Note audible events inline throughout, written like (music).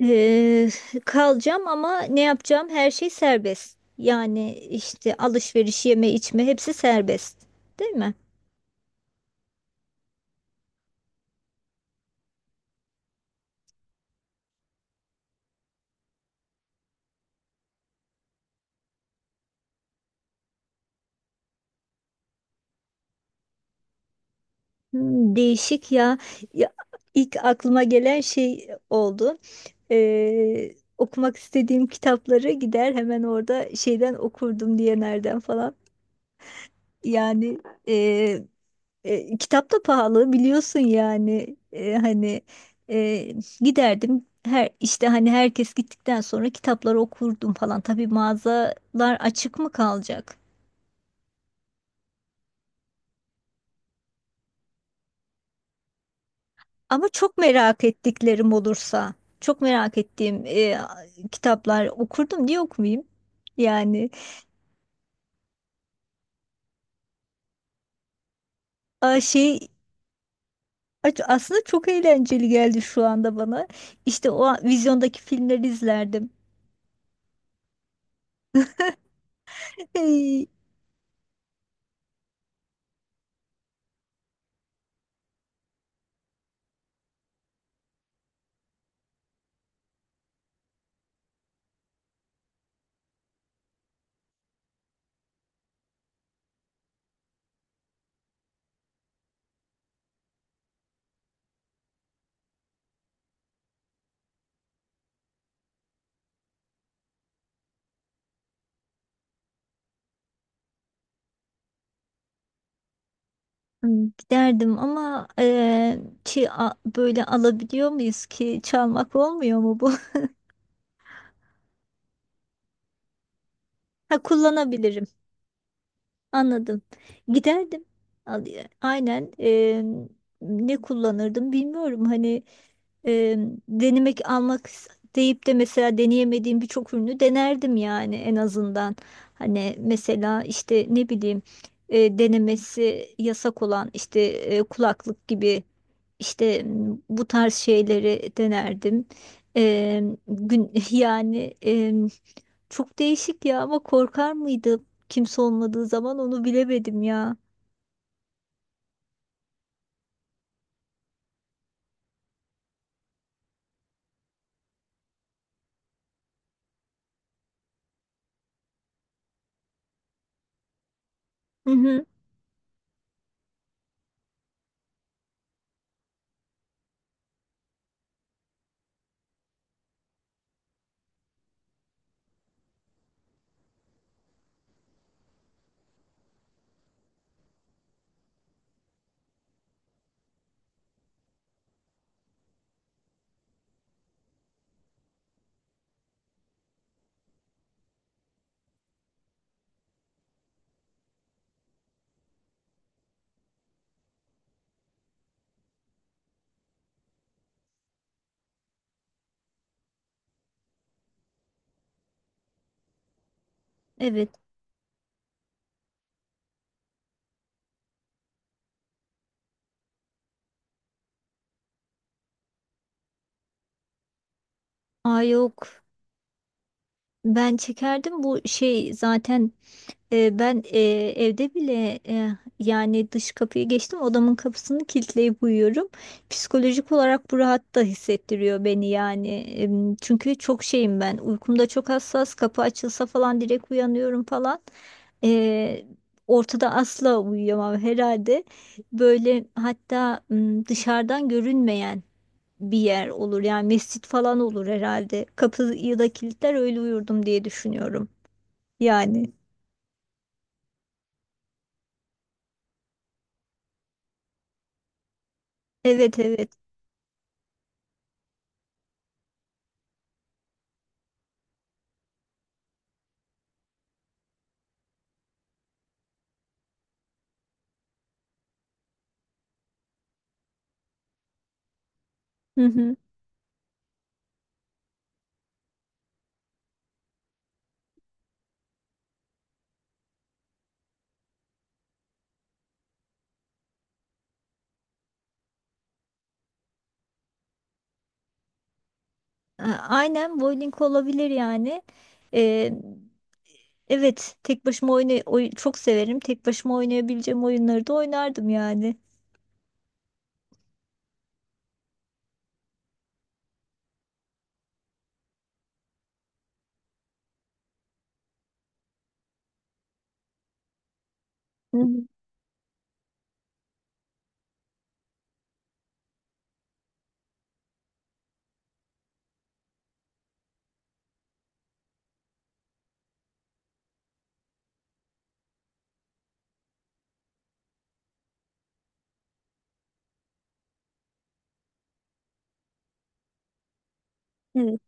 Eee, kalacağım ama ne yapacağım? Her şey serbest. Yani işte alışveriş, yeme, içme hepsi serbest. Değil mi? Hmm, değişik ya. Ya ilk aklıma gelen şey oldu. Okumak istediğim kitapları gider hemen orada şeyden okurdum diye nereden falan. Yani kitap da pahalı biliyorsun yani. Hani e, giderdim, her işte hani herkes gittikten sonra kitapları okurdum falan. Tabii mağazalar açık mı kalacak? Ama çok merak ettiklerim olursa, çok merak ettiğim kitaplar, okurdum diye okumayayım yani. A, şey a- aslında çok eğlenceli geldi şu anda bana. İşte o vizyondaki filmleri izlerdim. (laughs) Hmm, giderdim ama böyle, alabiliyor muyuz ki? Çalmak olmuyor mu bu? (laughs) Ha, kullanabilirim. Anladım. Giderdim. Aynen. Ne kullanırdım bilmiyorum. Hani eee, denemek, deyip de mesela deneyemediğim birçok ürünü denerdim yani, en azından. Hani mesela işte ne bileyim, denemesi yasak olan işte, kulaklık gibi işte, bu tarz şeyleri denerdim. Gün (laughs) Yani çok değişik ya, ama korkar mıydım? Kimse olmadığı zaman onu bilemedim ya. Hı hı, evet. Aa, yok. Ben çekerdim bu şey zaten, ben evde bile, yani dış kapıyı geçtim, odamın kapısını kilitleyip uyuyorum. Psikolojik olarak bu rahat da hissettiriyor beni yani. Çünkü çok şeyim ben. Uykumda çok hassas. Kapı açılsa falan direkt uyanıyorum falan. E, ortada asla uyuyamam herhalde. Böyle hatta dışarıdan görünmeyen bir yer olur. Yani mescit falan olur herhalde. Kapıyı da kilitler öyle uyurdum diye düşünüyorum. Yani evet, evet. Hı hı. A- Aynen, bowling olabilir yani. Ee, evet, tek başıma çok severim. Tek başıma oynayabileceğim oyunları da oynardım yani. Hı hı. Evet.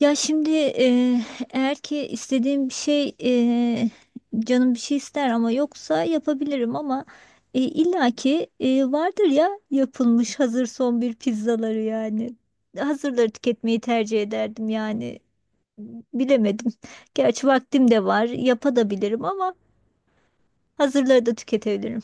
Ya şimdi eğer ki istediğim bir şey, canım bir şey ister ama yoksa yapabilirim, ama illaki vardır ya, yapılmış hazır son bir pizzaları yani. Hazırları tüketmeyi tercih ederdim yani. Bilemedim. Gerçi vaktim de var, yapabilirim ama hazırları da tüketebilirim.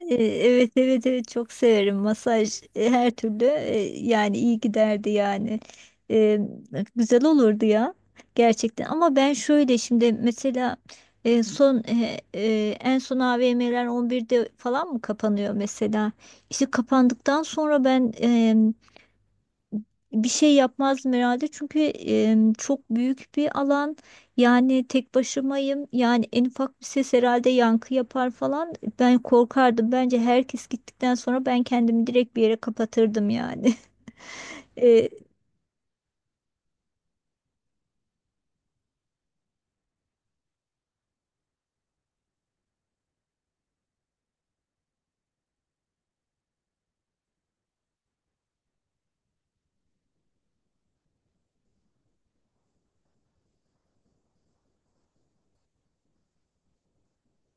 Evet, evet, evet, çok severim masaj, her türlü. Yani iyi giderdi yani. E, güzel olurdu ya gerçekten, ama ben şöyle şimdi mesela son, en son AVM'ler 11'de falan mı kapanıyor mesela? İşte kapandıktan sonra ben bir şey yapmazdım herhalde, çünkü çok büyük bir alan, yani tek başımayım yani, en ufak bir ses herhalde yankı yapar falan, ben korkardım bence. Herkes gittikten sonra ben kendimi direkt bir yere kapatırdım yani. (laughs) E,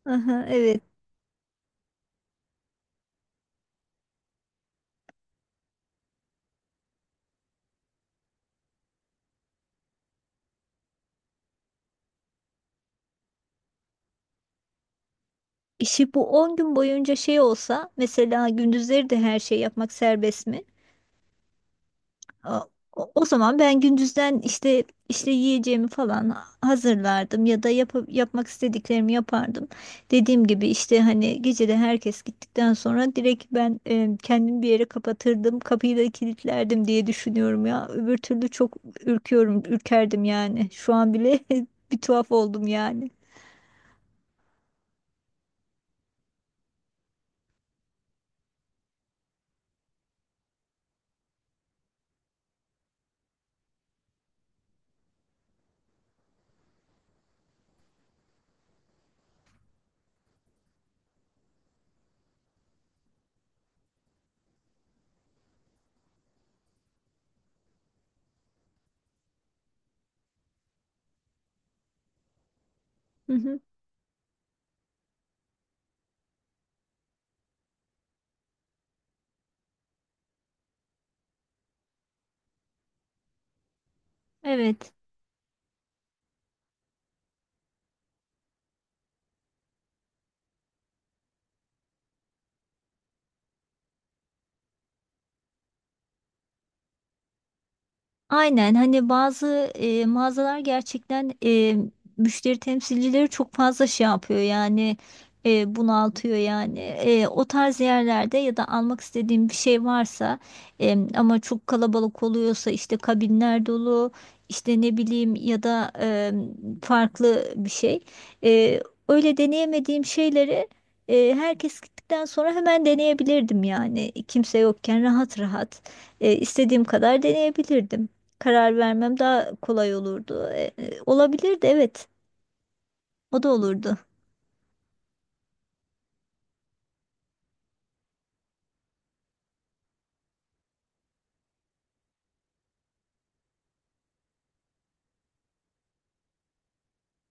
aha, evet. işi bu 10 gün boyunca şey olsa, mesela gündüzleri de her şey yapmak serbest mi? O, o zaman ben gündüzden işte, yiyeceğimi falan hazırlardım ya da yapmak istediklerimi yapardım. Dediğim gibi işte, hani gecede herkes gittikten sonra direkt ben kendimi bir yere kapatırdım. Kapıyı da kilitlerdim diye düşünüyorum ya. Öbür türlü çok ürküyorum, ürkerdim yani. Şu an bile (laughs) bir tuhaf oldum yani. Hı hı. Evet. Aynen, hani bazı mağazalar gerçekten, müşteri temsilcileri çok fazla şey yapıyor yani, bunaltıyor yani. O tarz yerlerde ya da almak istediğim bir şey varsa, ama çok kalabalık oluyorsa, işte kabinler dolu, işte ne bileyim ya da farklı bir şey. E, öyle deneyemediğim şeyleri herkes gittikten sonra hemen deneyebilirdim yani, kimse yokken rahat rahat istediğim kadar deneyebilirdim, karar vermem daha kolay olurdu. Olabilirdi evet. O da olurdu.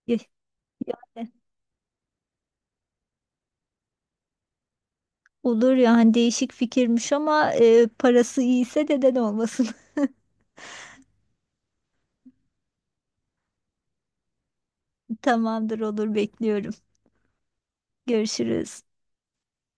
Ya- Yani olur ya, hani değişik fikirmiş ama parası iyiyse neden olmasın. (laughs) Tamamdır, olur, bekliyorum. Görüşürüz.